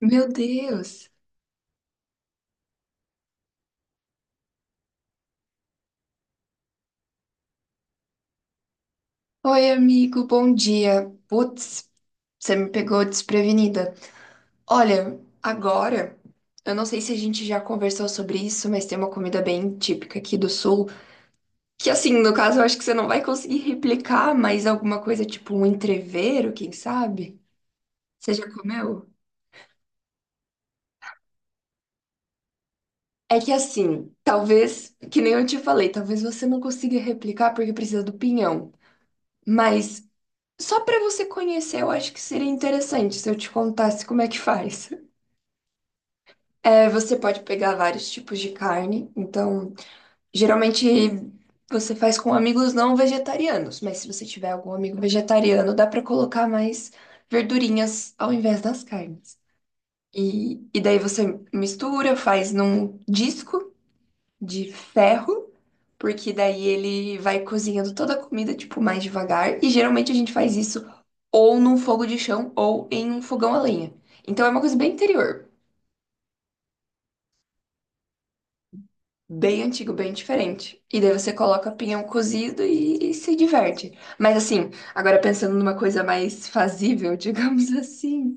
Meu Deus! Oi, amigo, bom dia. Putz, você me pegou desprevenida. Olha, agora, eu não sei se a gente já conversou sobre isso, mas tem uma comida bem típica aqui do Sul, que assim, no caso, eu acho que você não vai conseguir replicar, mas alguma coisa tipo um entrevero, quem sabe? Você já comeu? É que assim, talvez, que nem eu te falei, talvez você não consiga replicar porque precisa do pinhão. Mas só para você conhecer, eu acho que seria interessante se eu te contasse como é que faz. É, você pode pegar vários tipos de carne, então, geralmente você faz com amigos não vegetarianos, mas se você tiver algum amigo vegetariano, dá para colocar mais verdurinhas ao invés das carnes. E daí você mistura, faz num disco de ferro, porque daí ele vai cozinhando toda a comida, tipo, mais devagar. E geralmente a gente faz isso ou num fogo de chão ou em um fogão a lenha. Então é uma coisa bem interior, bem antigo, bem diferente. E daí você coloca pinhão cozido e se diverte. Mas assim, agora pensando numa coisa mais fazível, digamos assim,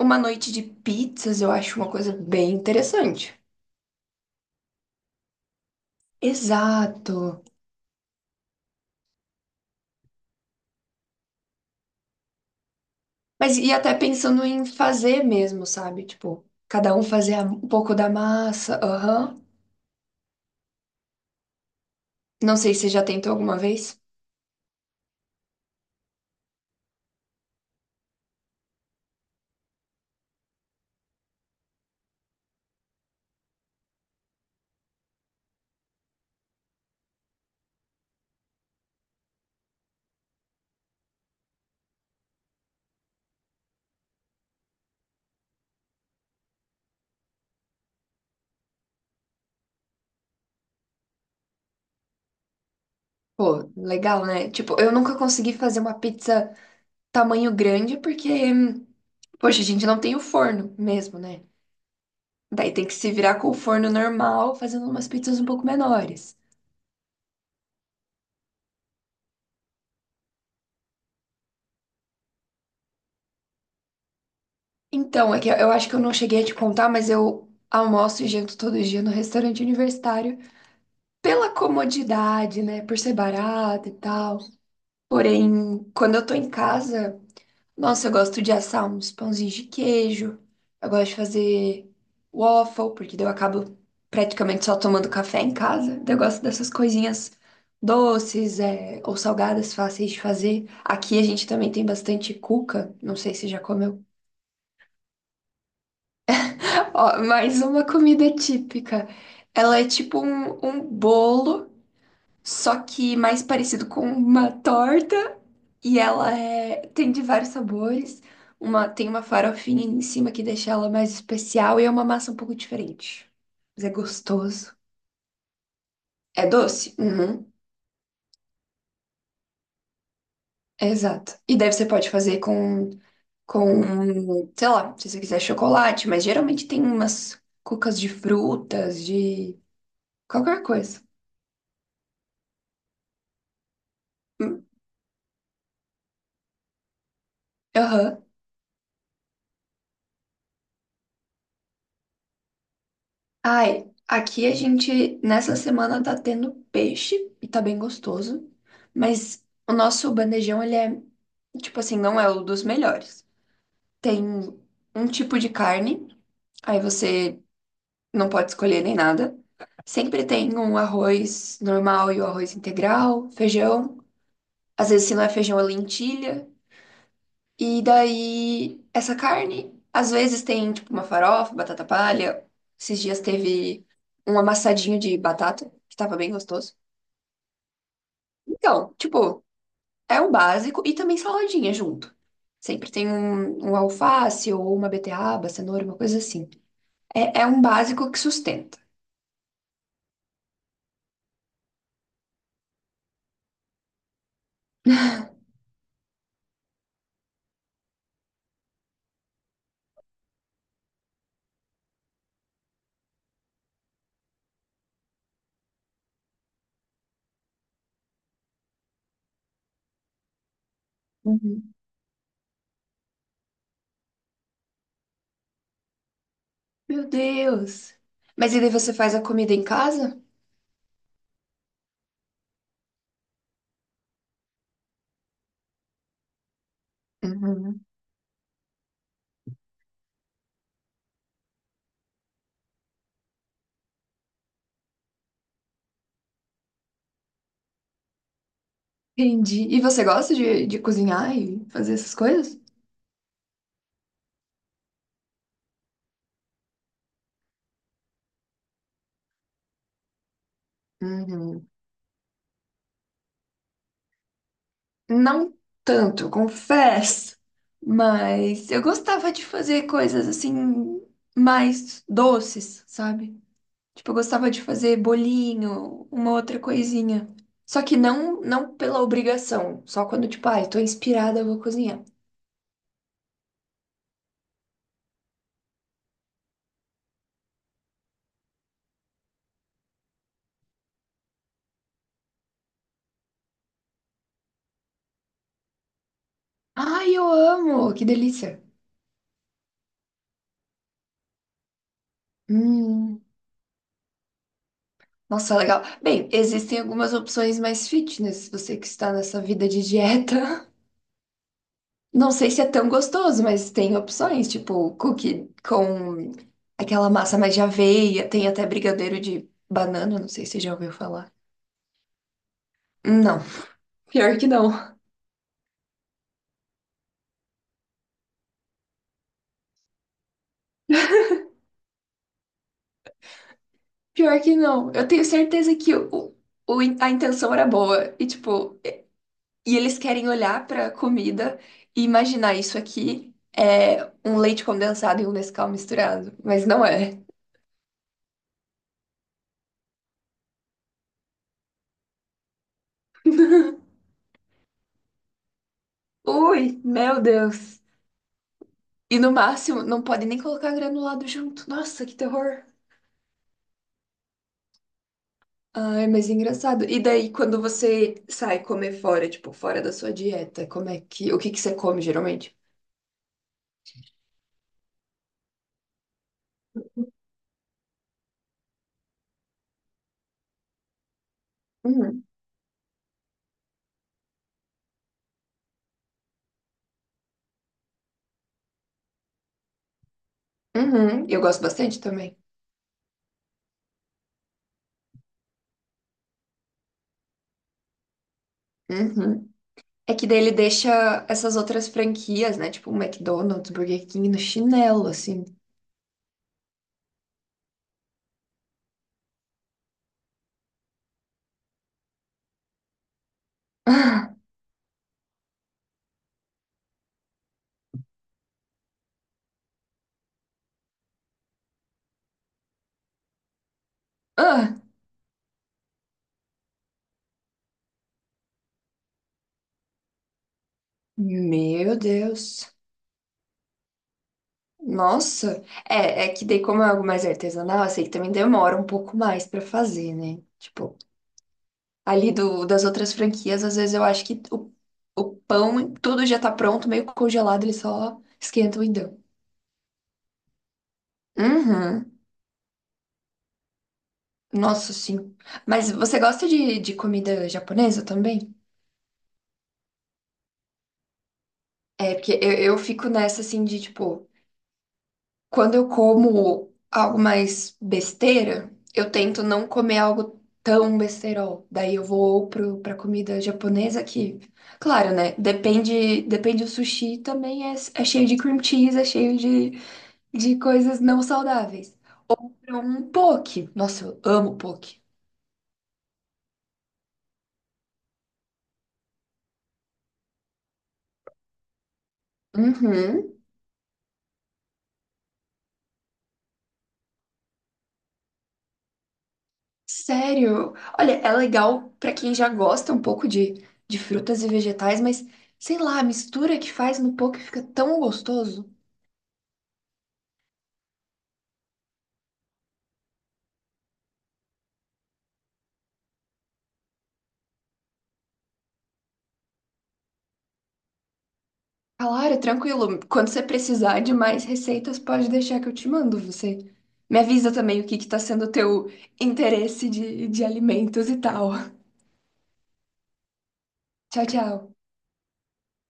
uma noite de pizzas eu acho uma coisa bem interessante. Exato. Mas e até pensando em fazer mesmo, sabe? Tipo, cada um um pouco da massa, aham. Não sei se você já tentou alguma vez. Pô, legal, né? Tipo, eu nunca consegui fazer uma pizza tamanho grande porque, poxa, a gente não tem o forno mesmo, né? Daí tem que se virar com o forno normal, fazendo umas pizzas um pouco menores. Então, é que eu acho que eu não cheguei a te contar, mas eu almoço e janto todo dia no restaurante universitário pela comodidade, né? Por ser barato e tal. Porém, quando eu tô em casa, nossa, eu gosto de assar uns pãozinhos de queijo. Eu gosto de fazer waffle, porque daí eu acabo praticamente só tomando café em casa. Daí eu gosto dessas coisinhas doces, é, ou salgadas fáceis de fazer. Aqui a gente também tem bastante cuca, não sei se já comeu. Ó, mais uma comida típica. Ela é tipo um bolo, só que mais parecido com uma torta. Tem de vários sabores. Uma, tem uma farofinha em cima que deixa ela mais especial e é uma massa um pouco diferente. Mas é gostoso. É doce? Uhum. Exato. E daí você pode fazer com sei lá, se você quiser chocolate, mas geralmente tem umas cucas de frutas, de qualquer coisa. Hum. Aham. Ai, aqui a gente nessa semana tá tendo peixe e tá bem gostoso, mas o nosso bandejão ele é tipo assim, não é o dos melhores. Tem um tipo de carne, aí você não pode escolher nem nada. Sempre tem um arroz normal e o arroz integral, feijão. Às vezes, se não é feijão, é lentilha. E daí, essa carne, às vezes tem tipo uma farofa, batata palha. Esses dias teve um amassadinho de batata, que tava bem gostoso. Então, tipo, é o básico e também saladinha junto. Sempre tem um alface ou uma beterraba, cenoura, uma coisa assim. É, é um básico que sustenta. Uhum. Meu Deus! Mas e daí você faz a comida em casa? Uhum. Entendi. E você gosta de cozinhar e fazer essas coisas? Uhum. Não tanto, eu confesso, mas eu gostava de fazer coisas assim mais doces, sabe? Tipo, eu gostava de fazer bolinho, uma outra coisinha. Só que não pela obrigação, só quando tipo, ai, tô inspirada, eu vou cozinhar. Ai, eu amo, que delícia. Hum, nossa, legal. Bem, existem algumas opções mais fitness, você que está nessa vida de dieta. Não sei se é tão gostoso, mas tem opções, tipo cookie com aquela massa mais de aveia, tem até brigadeiro de banana, não sei se você já ouviu falar. Não, pior que não. Pior que não. Eu tenho certeza que a intenção era boa. E, tipo, e eles querem olhar pra comida e imaginar isso aqui é um leite condensado e um Nescau misturado. Mas não é. Ui, meu Deus. E no máximo, não pode nem colocar granulado junto. Nossa, que terror. Ai, mas engraçado. E daí, quando você sai comer fora, tipo, fora da sua dieta, como é que, o que que você come geralmente? Uhum. Uhum. Eu gosto bastante também. Uhum. É que daí ele deixa essas outras franquias, né? Tipo, McDonald's, Burger King no chinelo, assim. Ah, ah, meu Deus. Nossa. É, é que daí, como é algo mais artesanal, eu sei que também demora um pouco mais pra fazer, né? Tipo, ali das outras franquias, às vezes eu acho que o pão, tudo já tá pronto, meio congelado, eles só esquentam e dão. Uhum. Nossa, sim. Mas você gosta de comida japonesa também? É, porque eu fico nessa assim de tipo, quando eu como algo mais besteira, eu tento não comer algo tão besterol. Daí eu vou pra comida japonesa que, claro, né? Depende do sushi também é, é cheio de cream cheese, é cheio de coisas não saudáveis. Um poke. Nossa, eu amo poke. Uhum. Sério. Olha, é legal pra quem já gosta um pouco de frutas e vegetais, mas sei lá, a mistura que faz no poke fica tão gostoso. Claro, tranquilo. Quando você precisar de mais receitas, pode deixar que eu te mando. Você me avisa também o que que tá sendo o teu interesse de alimentos e tal. Tchau, tchau.